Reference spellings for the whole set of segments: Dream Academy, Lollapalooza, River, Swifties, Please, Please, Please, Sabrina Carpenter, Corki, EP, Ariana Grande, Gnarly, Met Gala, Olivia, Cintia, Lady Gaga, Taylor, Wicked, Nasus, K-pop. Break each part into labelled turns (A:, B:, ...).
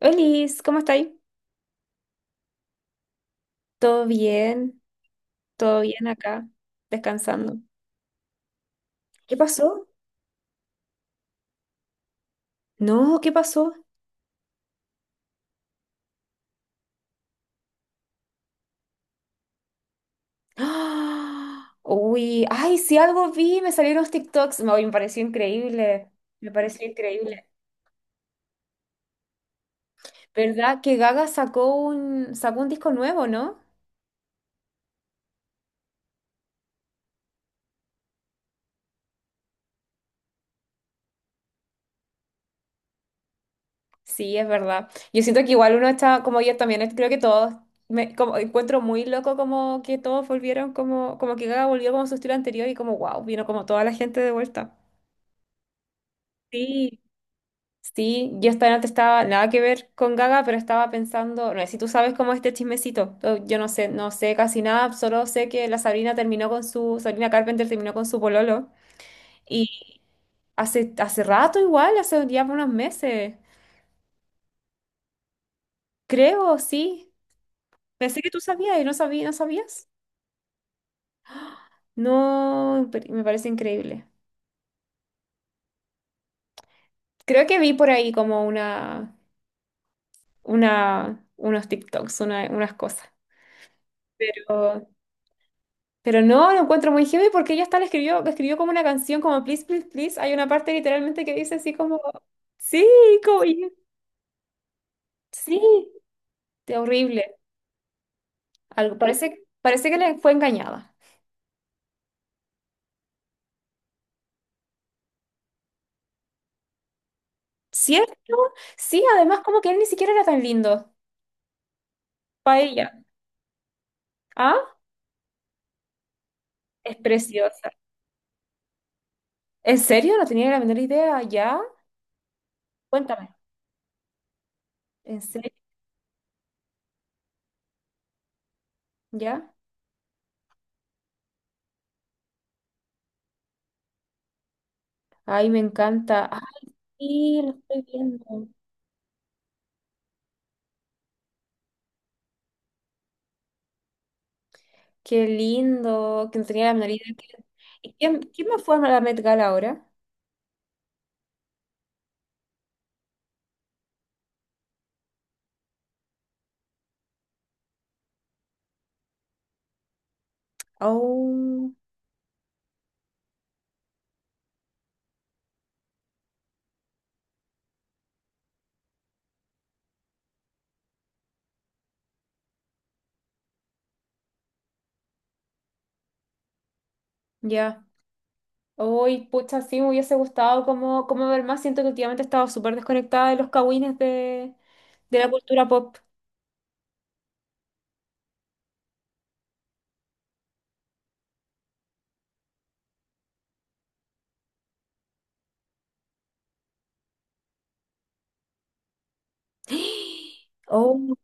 A: Olis, ¿cómo estáis? ¿Todo bien? ¿Todo bien acá? Descansando. ¿Qué pasó? No, ¿qué pasó? ¡Ah! Uy, ay, si algo vi, me salieron los TikToks. No, y me pareció increíble. Me pareció increíble. ¿Verdad que Gaga sacó un disco nuevo, no? Sí, es verdad. Yo siento que igual uno está, como yo también, creo que todos, me como, encuentro muy loco como que todos volvieron, como que Gaga volvió como a su estilo anterior y como, wow, vino como toda la gente de vuelta. Sí. Sí, yo esta noche estaba nada que ver con Gaga, pero estaba pensando, no sé si tú sabes cómo es este chismecito. Yo no sé, no sé casi nada, solo sé que la Sabrina terminó con su, Sabrina Carpenter terminó con su pololo. Y hace rato igual, hace ya unos meses, creo, sí. Pensé que tú sabías y no sabía, ¿no sabías? No, pero me parece increíble. Creo que vi por ahí como unos TikToks, unas cosas. Pero no, lo encuentro muy heavy porque ella hasta le escribió como una canción como Please, Please, Please. Hay una parte literalmente que dice así como, sí, como, sí, de horrible. Algo, parece que le fue engañada. ¿Cierto? Sí, además como que él ni siquiera era tan lindo para ella. ¿Ah? Es preciosa. ¿En serio? No tenía la menor idea. ¿Ya? Cuéntame. ¿En serio? ¿Ya? Ay, me encanta. Ay, lo estoy viendo. Qué lindo, que no tenía la menor idea. ¿Y quién me fue a la Met Gala ahora? Oh, ya. Hoy, pucha, sí, me hubiese gustado como, ver más. Siento que últimamente he estado súper desconectada de los cagüines de la cultura pop. Oh,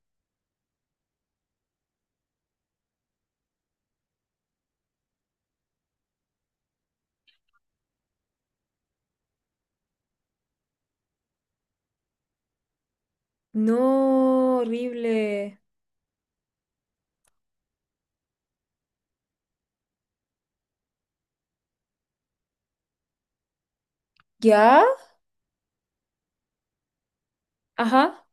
A: no, horrible. ¿Ya? Ajá.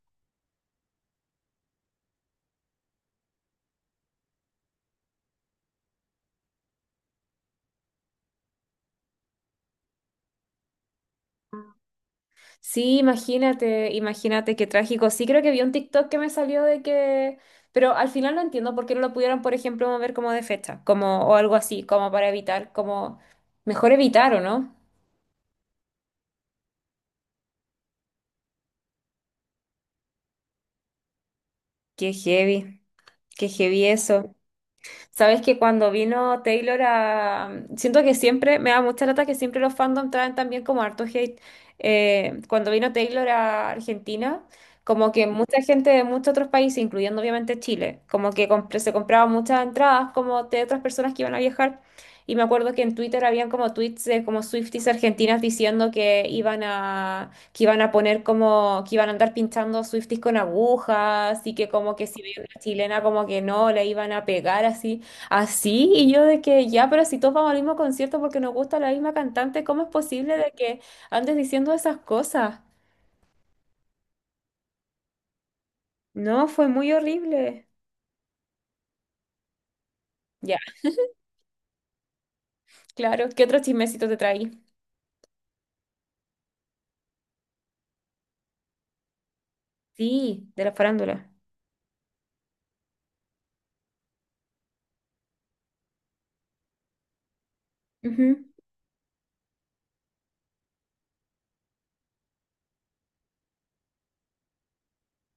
A: Sí, imagínate, imagínate qué trágico. Sí, creo que vi un TikTok que me salió de que, pero al final no entiendo por qué no lo pudieron, por ejemplo, mover como de fecha, como o algo así, como para evitar, como mejor evitar, ¿o no? Qué heavy, qué heavy eso. Sabes que cuando vino Taylor a... Siento que siempre, me da mucha lata que siempre los fandom traen también como harto hate. Cuando vino Taylor a Argentina, como que mucha gente de muchos otros países, incluyendo obviamente Chile, como que se compraban muchas entradas como de otras personas que iban a viajar. Y me acuerdo que en Twitter habían como tweets de como Swifties argentinas diciendo que iban a, poner como, que iban a andar pinchando Swifties con agujas y que como que si veían una chilena como que no, le iban a pegar así. Así, y yo de que ya, pero si todos vamos al mismo concierto porque nos gusta la misma cantante, ¿cómo es posible de que andes diciendo esas cosas? No, fue muy horrible. Ya, claro. ¿Qué otro chismecito te traí? Sí, de la farándula. Ujú,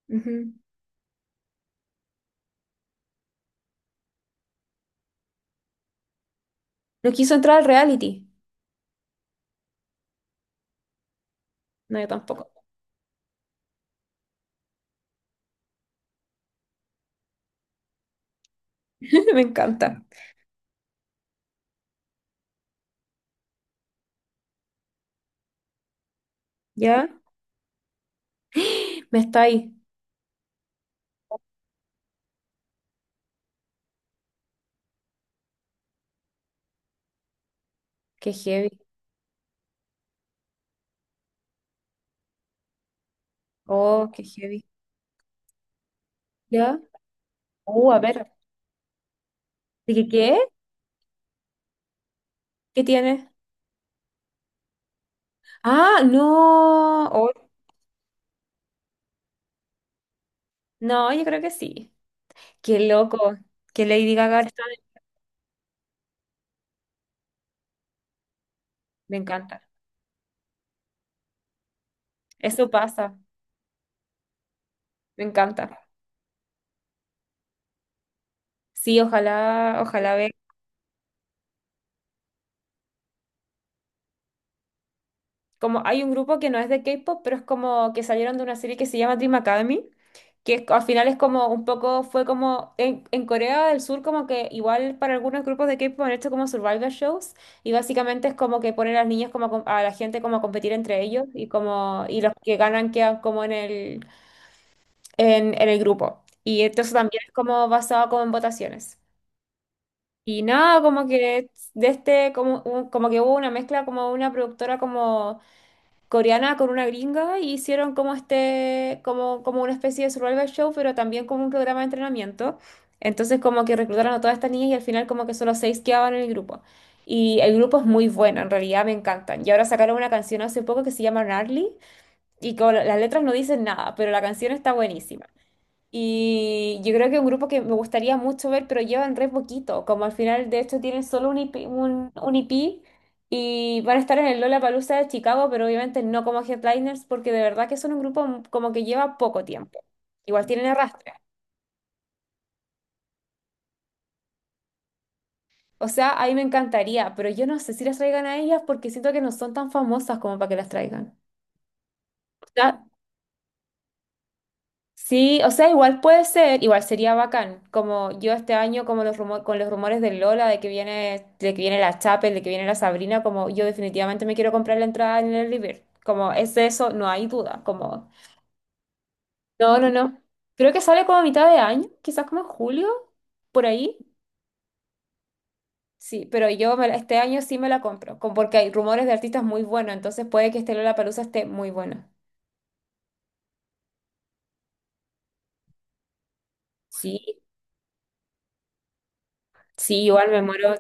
A: ujú. No quiso entrar al reality. No, yo tampoco. Me encanta. ¿Ya? Me está ahí. Qué heavy. Oh, qué heavy. ¿Ya? A ver. ¿De qué? ¿Qué tiene? Ah, no. Oh, no, yo creo que sí. Qué loco, que Lady Gaga está Me encanta. Eso pasa, me encanta. Sí, ojalá, ojalá ve. Como hay un grupo que no es de K-pop, pero es como que salieron de una serie que se llama Dream Academy, que al final es como un poco, fue como en Corea del Sur, como que igual para algunos grupos de K-pop han hecho como survival shows, y básicamente es como que ponen a las niñas como a la gente como a competir entre ellos, y como, y los que ganan quedan como en el grupo. Y entonces también es como basado como en votaciones. Y nada, como que de este, como, como que hubo una mezcla como una productora como coreana con una gringa y hicieron como este, como, como una especie de survival show, pero también como un programa de entrenamiento. Entonces como que reclutaron a todas estas niñas y al final como que solo seis quedaban en el grupo. Y el grupo es muy bueno, en realidad me encantan. Y ahora sacaron una canción hace poco que se llama Gnarly y con las letras no dicen nada, pero la canción está buenísima. Y yo creo que es un grupo que me gustaría mucho ver, pero llevan re poquito. Como al final, de hecho, tienen solo un IP, un EP y van a estar en el Lollapalooza de Chicago, pero obviamente no como headliners, porque de verdad que son un grupo como que lleva poco tiempo. Igual tienen arrastre. O sea, a mí me encantaría, pero yo no sé si las traigan a ellas porque siento que no son tan famosas como para que las traigan. Sí, o sea, igual puede ser, igual sería bacán, como yo este año, como los con los rumores de Lola, de que viene la Chapel, de que viene la Sabrina, como yo definitivamente me quiero comprar la entrada en el River, como es de eso, no hay duda, como, no, no, no, creo que sale como a mitad de año, quizás como en julio, por ahí, sí, pero yo este año sí me la compro, como porque hay rumores de artistas muy buenos, entonces puede que este Lollapalooza esté muy bueno, sí, sí, igual me muero.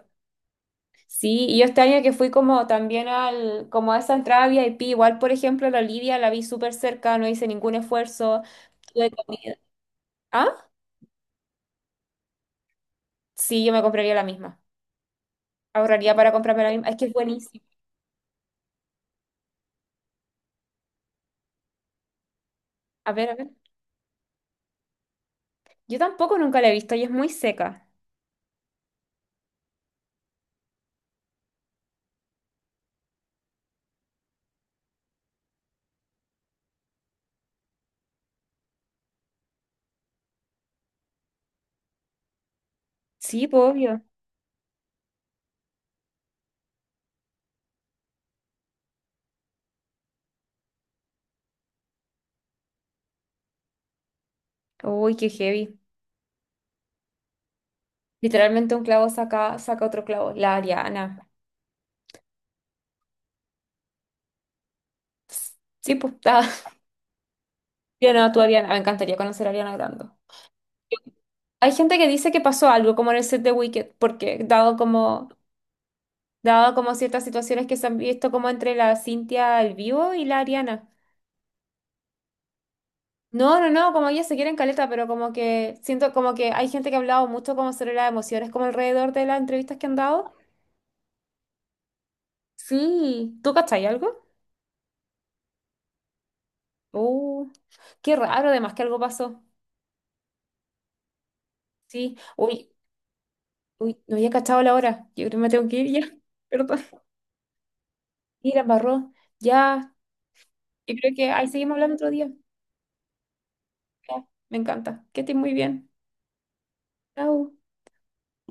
A: Sí, y yo este año que fui como también al, como a esa entrada VIP, igual por ejemplo la Olivia la vi súper cerca, no hice ningún esfuerzo, tuve comida. ¿Ah? Sí, yo me compraría la misma. Ahorraría para comprarme la misma. Es que es buenísima. A ver, a ver. Yo tampoco nunca la he visto y es muy seca. Sí, pues, obvio. Uy, qué heavy. Literalmente un clavo saca otro clavo. La Ariana. Sí, pues, está. Yo no, tú Ariana. Me encantaría conocer a Ariana Grande. Hay gente que dice que pasó algo como en el set de Wicked, porque dado como ciertas situaciones que se han visto como entre la Cintia al vivo y la Ariana. No, no, no, como ellas se quieren caleta, pero como que siento como que hay gente que ha hablado mucho como sobre las emociones, como alrededor de las entrevistas que han dado. Sí, ¿tú cachai algo? Uh, qué raro, además que algo pasó. Sí, uy, uy, no había cachado la hora. Yo creo que me tengo que ir ya, perdón. Y la embarró, ya. Yo creo que ahí seguimos hablando otro día. Ya, me encanta. Que estés muy bien. Chao.